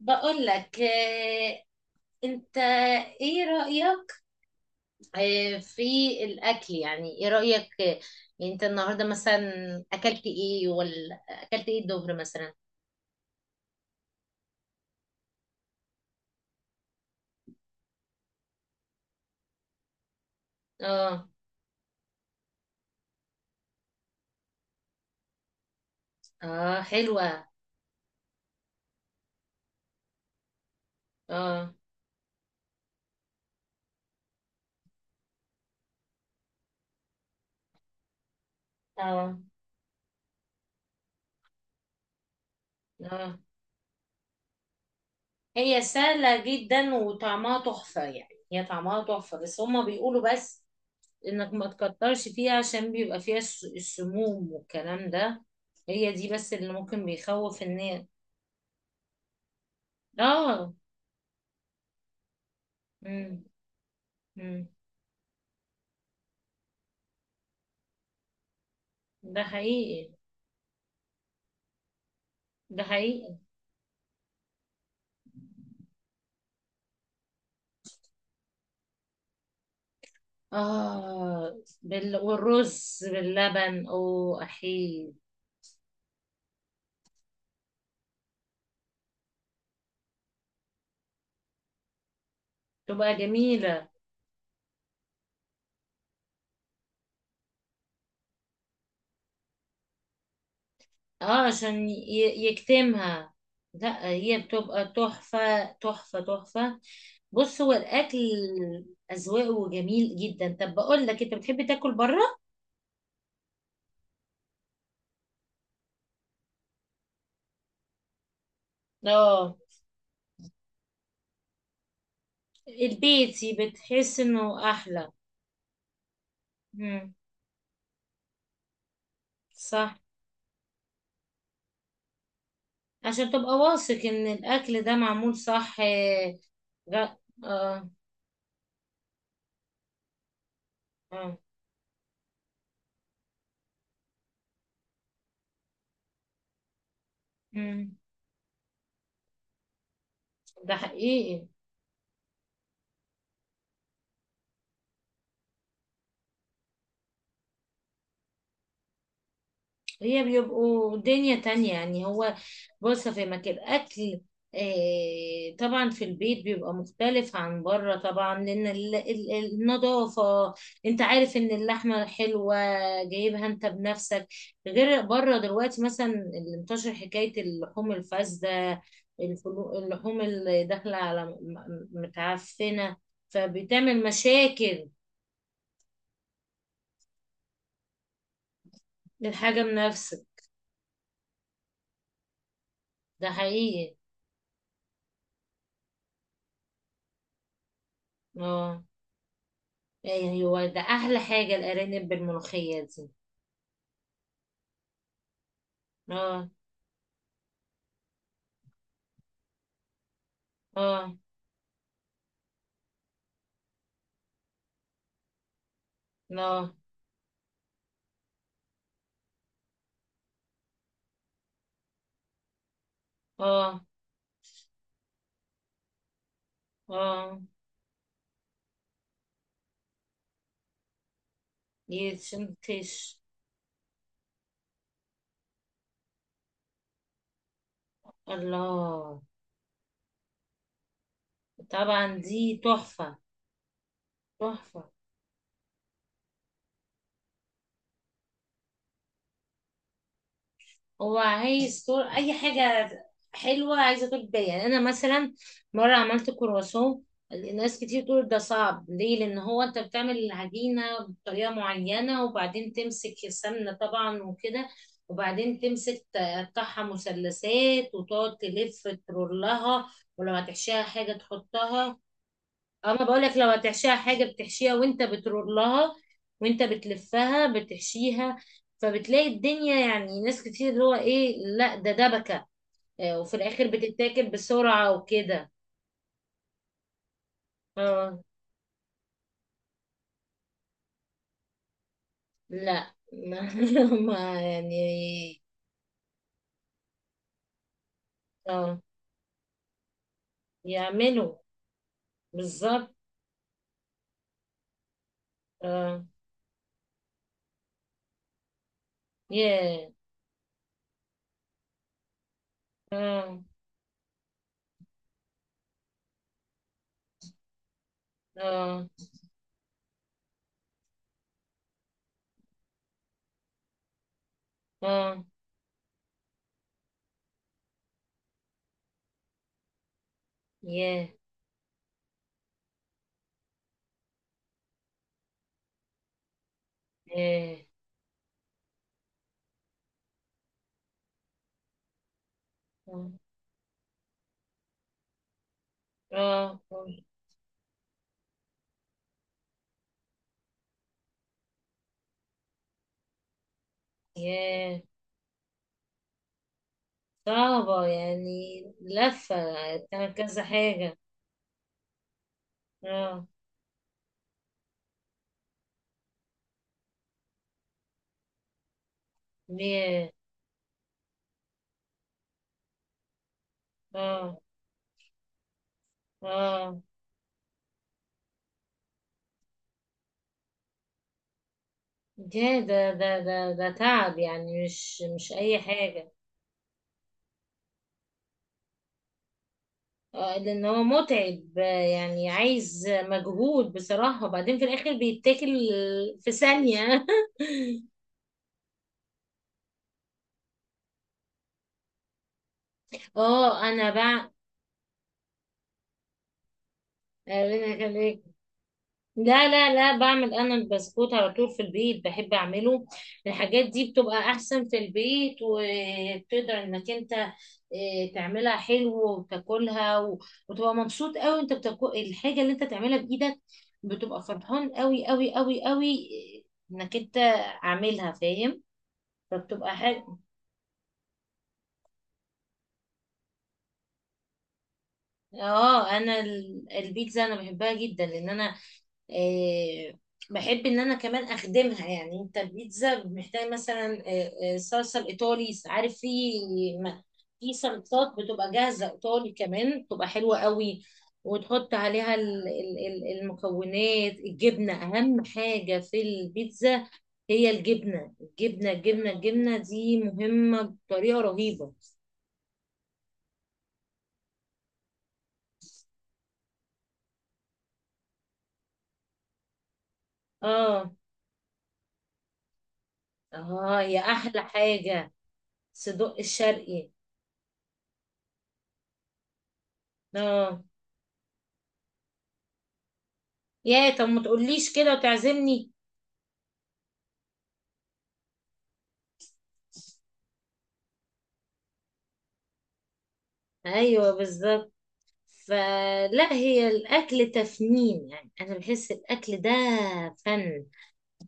بقول لك انت ايه رأيك في الاكل، يعني ايه رأيك يعني انت النهارده مثلا اكلت ايه، ولا اكلت ايه الظهر مثلا؟ اه. اه، حلوة. اه. اه. اه. هي سهلة جدا وطعمها تحفة، يعني هي طعمها تحفة، بس هما بيقولوا بس انك ما تكترش فيها عشان بيبقى فيها السموم والكلام ده. هي دي بس اللي ممكن بيخوف الناس. اه. امم ده حقيقي. ده حقيقي. آه، والرز باللبن أو أحيي. تبقى جميلة. آه، عشان يكتمها. لا، هي بتبقى تحفة تحفة تحفة. بص، هو الأكل أذواقه جميل جدا. طب بقول لك إيه، أنت بتحب تاكل بره؟ آه، البيتي، بتحس إنه أحلى. مم. صح. عشان تبقى واثق إن الأكل ده معمول صح. لا. آه. آه. مم. ده حقيقي. هي بيبقوا دنيا تانية يعني. هو بص في مكان الأكل. آه، طبعا في البيت بيبقى مختلف عن بره طبعا، لأن النظافة، انت عارف ان اللحمة حلوة، جايبها انت بنفسك، غير بره. دلوقتي مثلا اللي انتشر حكاية اللحوم الفاسدة، اللحوم اللي داخلة على متعفنة، فبتعمل مشاكل. للحاجة بنفسك. ده حقيقي. اه، يعني هو ده احلى حاجة، الارانب بالملوخية دي. اه. اه. اه. اه. اه، يتشنكش. الله، طبعا دي تحفة. تحفة. هو عايز طول اي حاجه. حلوه، عايزه طول بال. يعني انا مثلا مره عملت كرواسون. ناس كتير تقول ده صعب ليه، لان هو انت بتعمل العجينه بطريقه معينه، وبعدين تمسك السمنه طبعا وكده، وبعدين تمسك تقطعها مثلثات وتقعد تلف ترولها، ولو هتحشيها حاجه تحطها. انا بقول لك لو هتحشيها حاجه بتحشيها وانت بترول لها، وانت بتلفها بتحشيها. فبتلاقي الدنيا، يعني ناس كتير اللي هو ايه، لا ده دبكه، وفي الاخر بتتاكل بسرعه وكده. اه. لا ما ما يعني. اه، يعملوا. بالظبط. اه. ياه. اه. اه. اه. ياه. ياه. اه. اه. ياه. صعبة يعني لفة. تعمل كذا حاجة. اه. بيه. اه. اه. ده ده ده ده ده تعب، يعني مش أي حاجة. اه، لأن هو متعب. يعني عايز مجهود بصراحة، وبعدين في الآخر بيتاكل في ثانية. اه، أنا بقى. لا لا لا، بعمل انا البسكوت على طول في البيت، بحب اعمله. الحاجات دي بتبقى احسن في البيت، وبتقدر انك انت آه، تعملها حلو وتاكلها، وتبقى مبسوط قوي انت بتاكل الحاجة اللي انت تعملها بايدك، بتبقى فرحان قوي قوي قوي قوي، انك انت عاملها فاهم، فبتبقى حاجة. اه، انا البيتزا انا بحبها جدا، لان انا آه، بحب ان انا كمان اخدمها. يعني انت البيتزا محتاج مثلا صلصه الايطالي، عارف، في م- في صلصات بتبقى جاهزه ايطالي كمان، بتبقى حلوه قوي، وتحط عليها المكونات. الجبنه اهم حاجه في البيتزا، هي الجبنه. الجبنه الجبنه الجبنه دي مهمه بطريقه رهيبه. اه. اه، يا احلى حاجه. صدق الشرقي. اه، يا طب ما تقوليش كده وتعزمني. ايوه بالظبط. فلا هي الاكل تفنين، يعني انا بحس الاكل ده فن،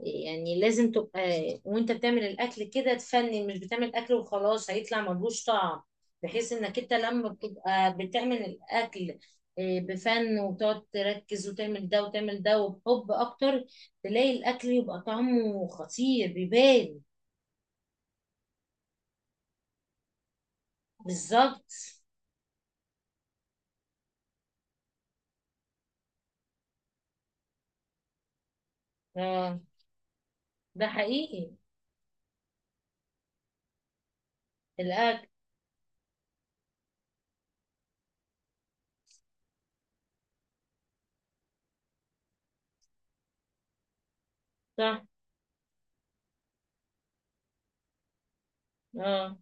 يعني لازم تبقى وانت بتعمل الاكل كده تفنن، مش بتعمل اكل وخلاص هيطلع ملوش طعم. بحيث انك انت لما بتبقى بتعمل الاكل بفن وتقعد تركز وتعمل ده وتعمل ده، وبحب اكتر تلاقي الاكل يبقى طعمه خطير بيبان. بالظبط. اه. ده حقيقي. الاكل. صح. اه.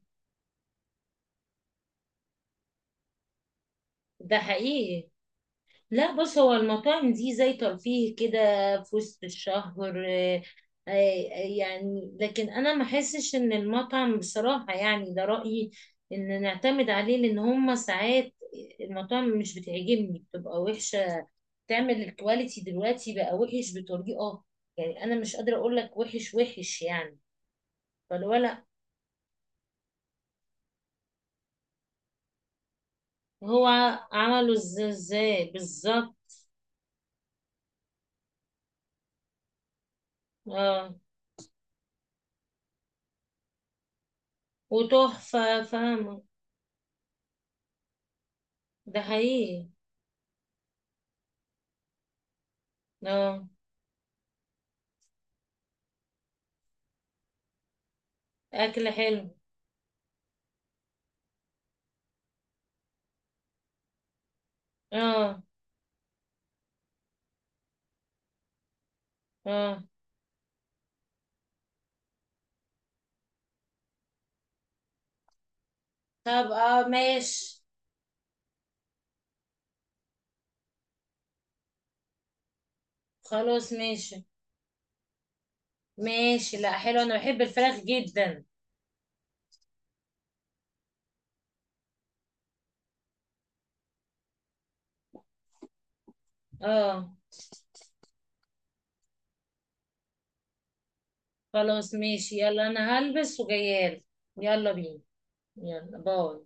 ده حقيقي. لا بص، هو المطاعم دي زي ترفيه كده، في وسط الشهر آه، آه، يعني لكن انا ما احسش ان المطعم بصراحة، يعني ده رأيي ان نعتمد عليه، لان هما ساعات المطاعم مش بتعجبني، بتبقى وحشة. تعمل الكواليتي دلوقتي بقى وحش بطريقة، يعني انا مش قادرة اقول لك وحش وحش يعني. فلو لا، هو عمله ازاي بالظبط. اه. وتحفة، فاهمة. ده حقيقي. اه. اكل حلو. اه. اه. طب اه، ماشي. خلاص ماشي. ماشي، لا حلو انا بحب الفراخ جدا. اه. خلاص ماشي، يلا انا هلبس وجايالك. يلا بينا. يلا. باي.